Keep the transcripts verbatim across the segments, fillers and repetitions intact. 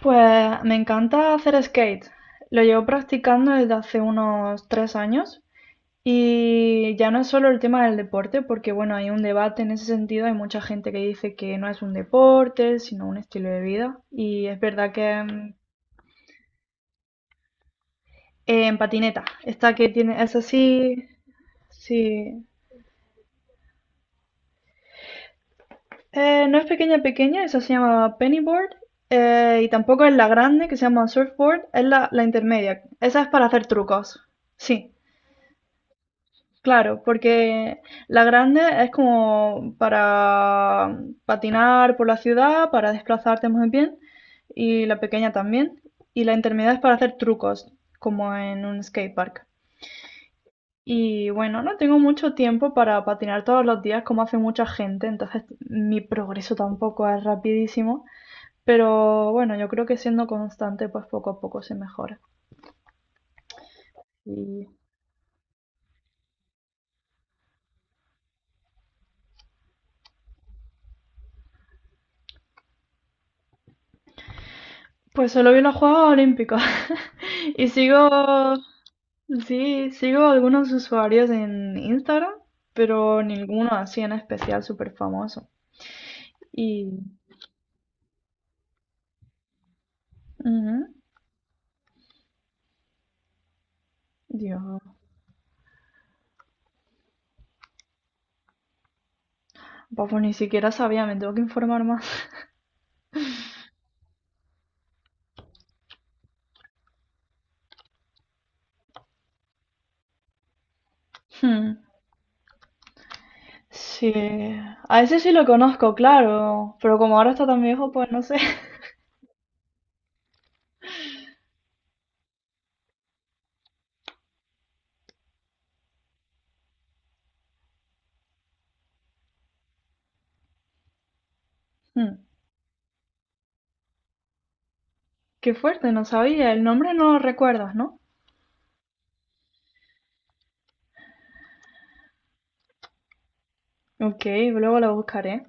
Pues me encanta hacer skate. Lo llevo practicando desde hace unos tres años y ya no es solo el tema del deporte, porque bueno, hay un debate en ese sentido, hay mucha gente que dice que no es un deporte, sino un estilo de vida. Y es verdad que mm, eh, en patineta, esta que tiene, es así, sí. Eh, no es pequeña pequeña, esa se llama pennyboard eh, y tampoco es la grande que se llama surfboard, es la, la intermedia. Esa es para hacer trucos. Sí. Claro, porque la grande es como para patinar por la ciudad, para desplazarte muy bien, y la pequeña también. Y la intermedia es para hacer trucos, como en un skatepark. Y bueno, no tengo mucho tiempo para patinar todos los días como hace mucha gente, entonces mi progreso tampoco es rapidísimo, pero bueno, yo creo que siendo constante, pues poco a poco se mejora. Y pues solo vi las Juegos Olímpicos y sigo Sí, sigo algunos usuarios en Instagram, pero ninguno así en especial súper famoso. Y... Ujú. Dios, pues ni siquiera sabía, me tengo que informar más. Hmm. Sí, a ese sí lo conozco, claro, pero como ahora está tan viejo, pues no sé. Hmm. Qué fuerte, no sabía, el nombre no lo recuerdas, ¿no? Ok, luego lo buscaré.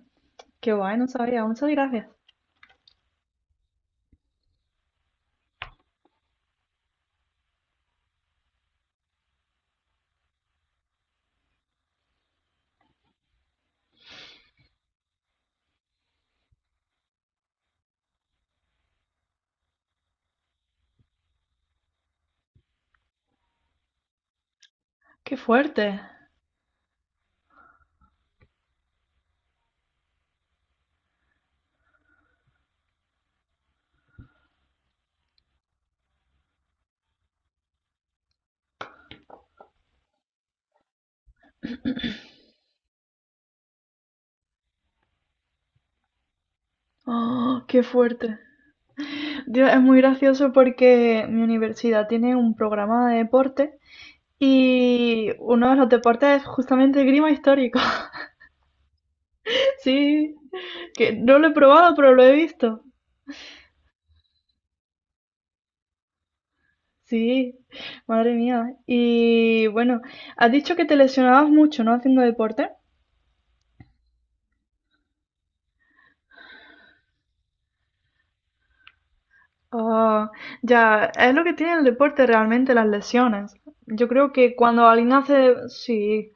Qué guay, no sabía, muchas gracias. Qué fuerte. Oh, qué fuerte. Dios, es muy gracioso porque mi universidad tiene un programa de deporte y uno de los deportes es justamente esgrima histórico. Sí, que no lo he probado, pero lo he visto. Sí, madre mía. Y bueno, has dicho que te lesionabas mucho, ¿no? Haciendo deporte. Ah, ya, es lo que tiene el deporte realmente, las lesiones. Yo creo que cuando alguien hace, sí,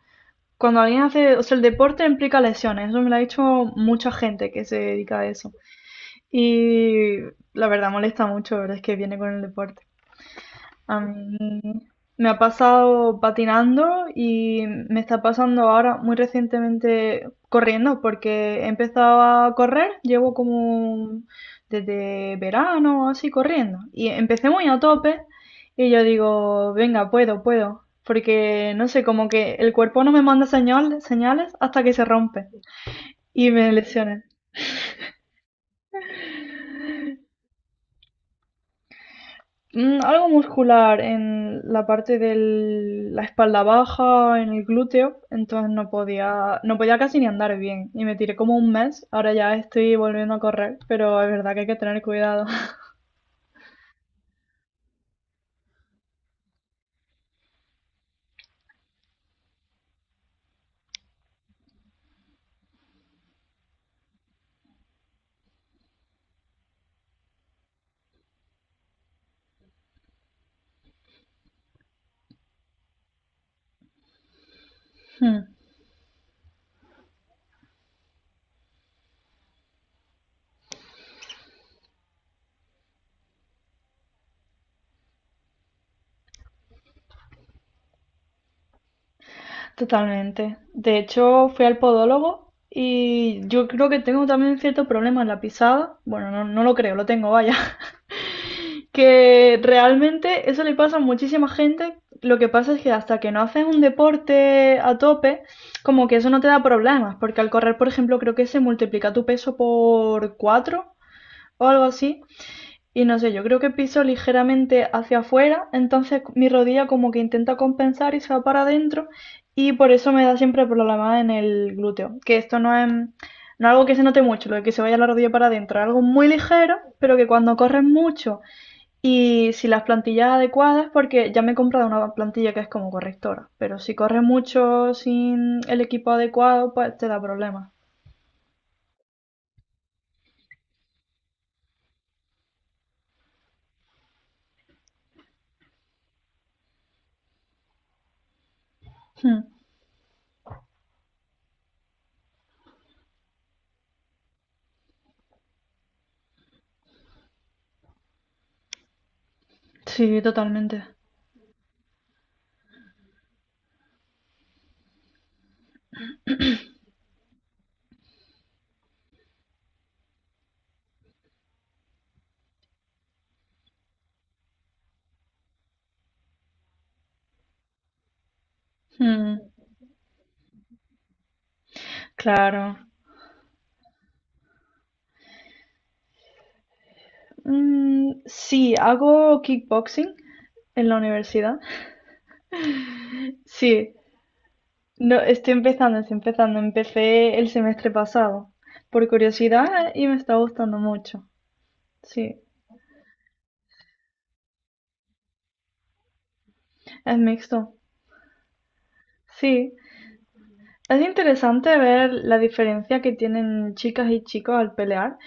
cuando alguien hace, o sea, el deporte implica lesiones. Eso me lo ha dicho mucha gente que se dedica a eso. Y la verdad molesta mucho, verdad, es que viene con el deporte. A mí me ha pasado patinando y me está pasando ahora muy recientemente corriendo, porque he empezado a correr, llevo como desde verano así corriendo. Y empecé muy a tope y yo digo, venga, puedo, puedo. Porque no sé, como que el cuerpo no me manda señal- señales hasta que se rompe y me lesioné. Mm, algo muscular en la parte de la espalda baja, en el glúteo, entonces no podía, no podía casi ni andar bien y me tiré como un mes, ahora ya estoy volviendo a correr, pero es verdad que hay que tener cuidado. Mm. Totalmente. De hecho, fui al podólogo y yo creo que tengo también cierto problema en la pisada. Bueno, no, no lo creo, lo tengo, vaya. Que realmente eso le pasa a muchísima gente. Lo que pasa es que hasta que no haces un deporte a tope, como que eso no te da problemas, porque al correr, por ejemplo, creo que se multiplica tu peso por cuatro o algo así. Y no sé, yo creo que piso ligeramente hacia afuera, entonces mi rodilla como que intenta compensar y se va para adentro y por eso me da siempre problemas en el glúteo. Que esto no es, no es algo que se note mucho, lo de que se vaya la rodilla para adentro, es algo muy ligero, pero que cuando corres mucho y si las plantillas adecuadas, porque ya me he comprado una plantilla que es como correctora, pero si corres mucho sin el equipo adecuado, pues te da problemas. Hmm. Sí, totalmente. Hmm. Claro. Mm, sí, hago kickboxing en la universidad. Sí, no, estoy empezando, estoy empezando. Empecé el semestre pasado, por curiosidad, y me está gustando mucho. Sí, es mixto. Sí. Es interesante ver la diferencia que tienen chicas y chicos al pelear.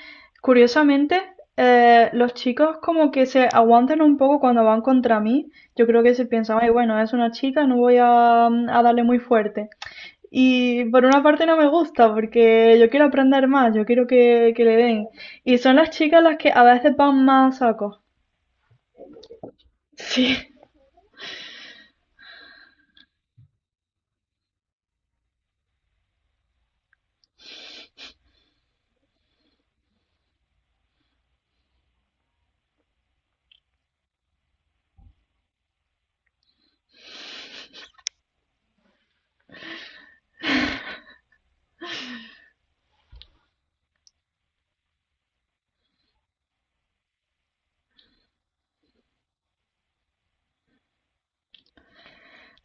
Curiosamente, eh, los chicos como que se aguantan un poco cuando van contra mí. Yo creo que se piensan, ay, bueno, es una chica, no voy a, a darle muy fuerte. Y por una parte no me gusta porque yo quiero aprender más, yo quiero que, que le den. Y son las chicas las que a veces van más a saco. Sí,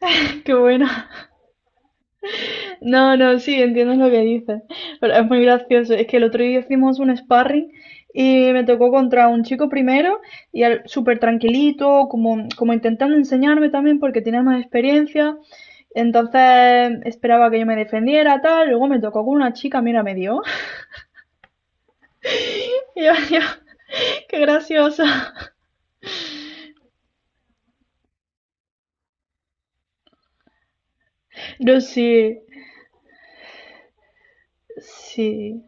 qué buena. No, no, sí, entiendes lo que dices. Pero es muy gracioso. Es que el otro día hicimos un sparring y me tocó contra un chico primero y al- súper tranquilito, como, como intentando enseñarme también porque tenía más experiencia. Entonces esperaba que yo me defendiera, tal. Luego me tocó con una chica, mira, me dio. Y yo, yo, qué graciosa. No, sí, sí.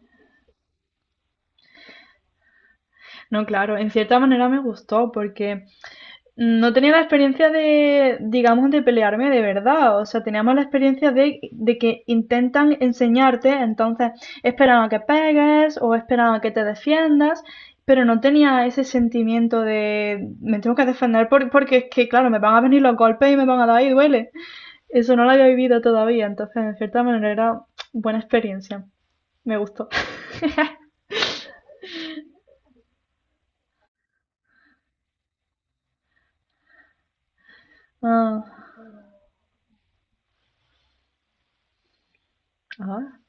No, claro, en cierta manera me gustó porque no tenía la experiencia de, digamos, de pelearme de verdad. O sea, teníamos la experiencia de, de que intentan enseñarte, entonces esperan a que pegues o esperan a que te defiendas, pero no tenía ese sentimiento de me tengo que defender por- porque es que, claro, me van a venir los golpes y me van a dar y duele. Eso no lo había vivido todavía, entonces, en cierta manera, era buena experiencia. Me gustó. Ah, ah,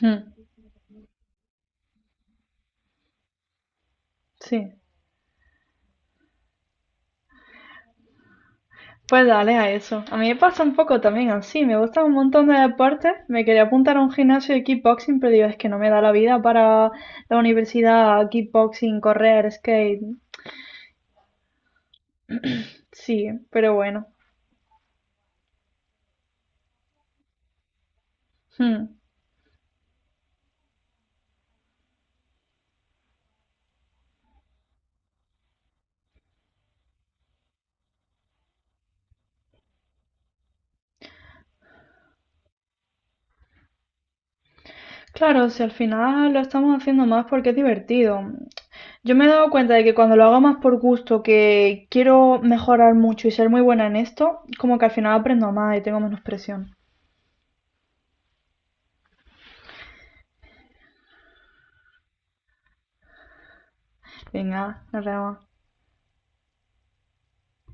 hmm, sí. Pues dale a eso. A mí me pasa un poco también así. Me gustan un montón de deportes. Me quería apuntar a un gimnasio de kickboxing, pero digo, es que no me da la vida para la universidad, kickboxing, correr, skate. Sí, pero bueno. Hmm. Claro, si al final lo estamos haciendo más porque es divertido. Yo me he dado cuenta de que cuando lo hago más por gusto, que quiero mejorar mucho y ser muy buena en esto, como que al final aprendo más y tengo menos presión. Venga, nos vemos.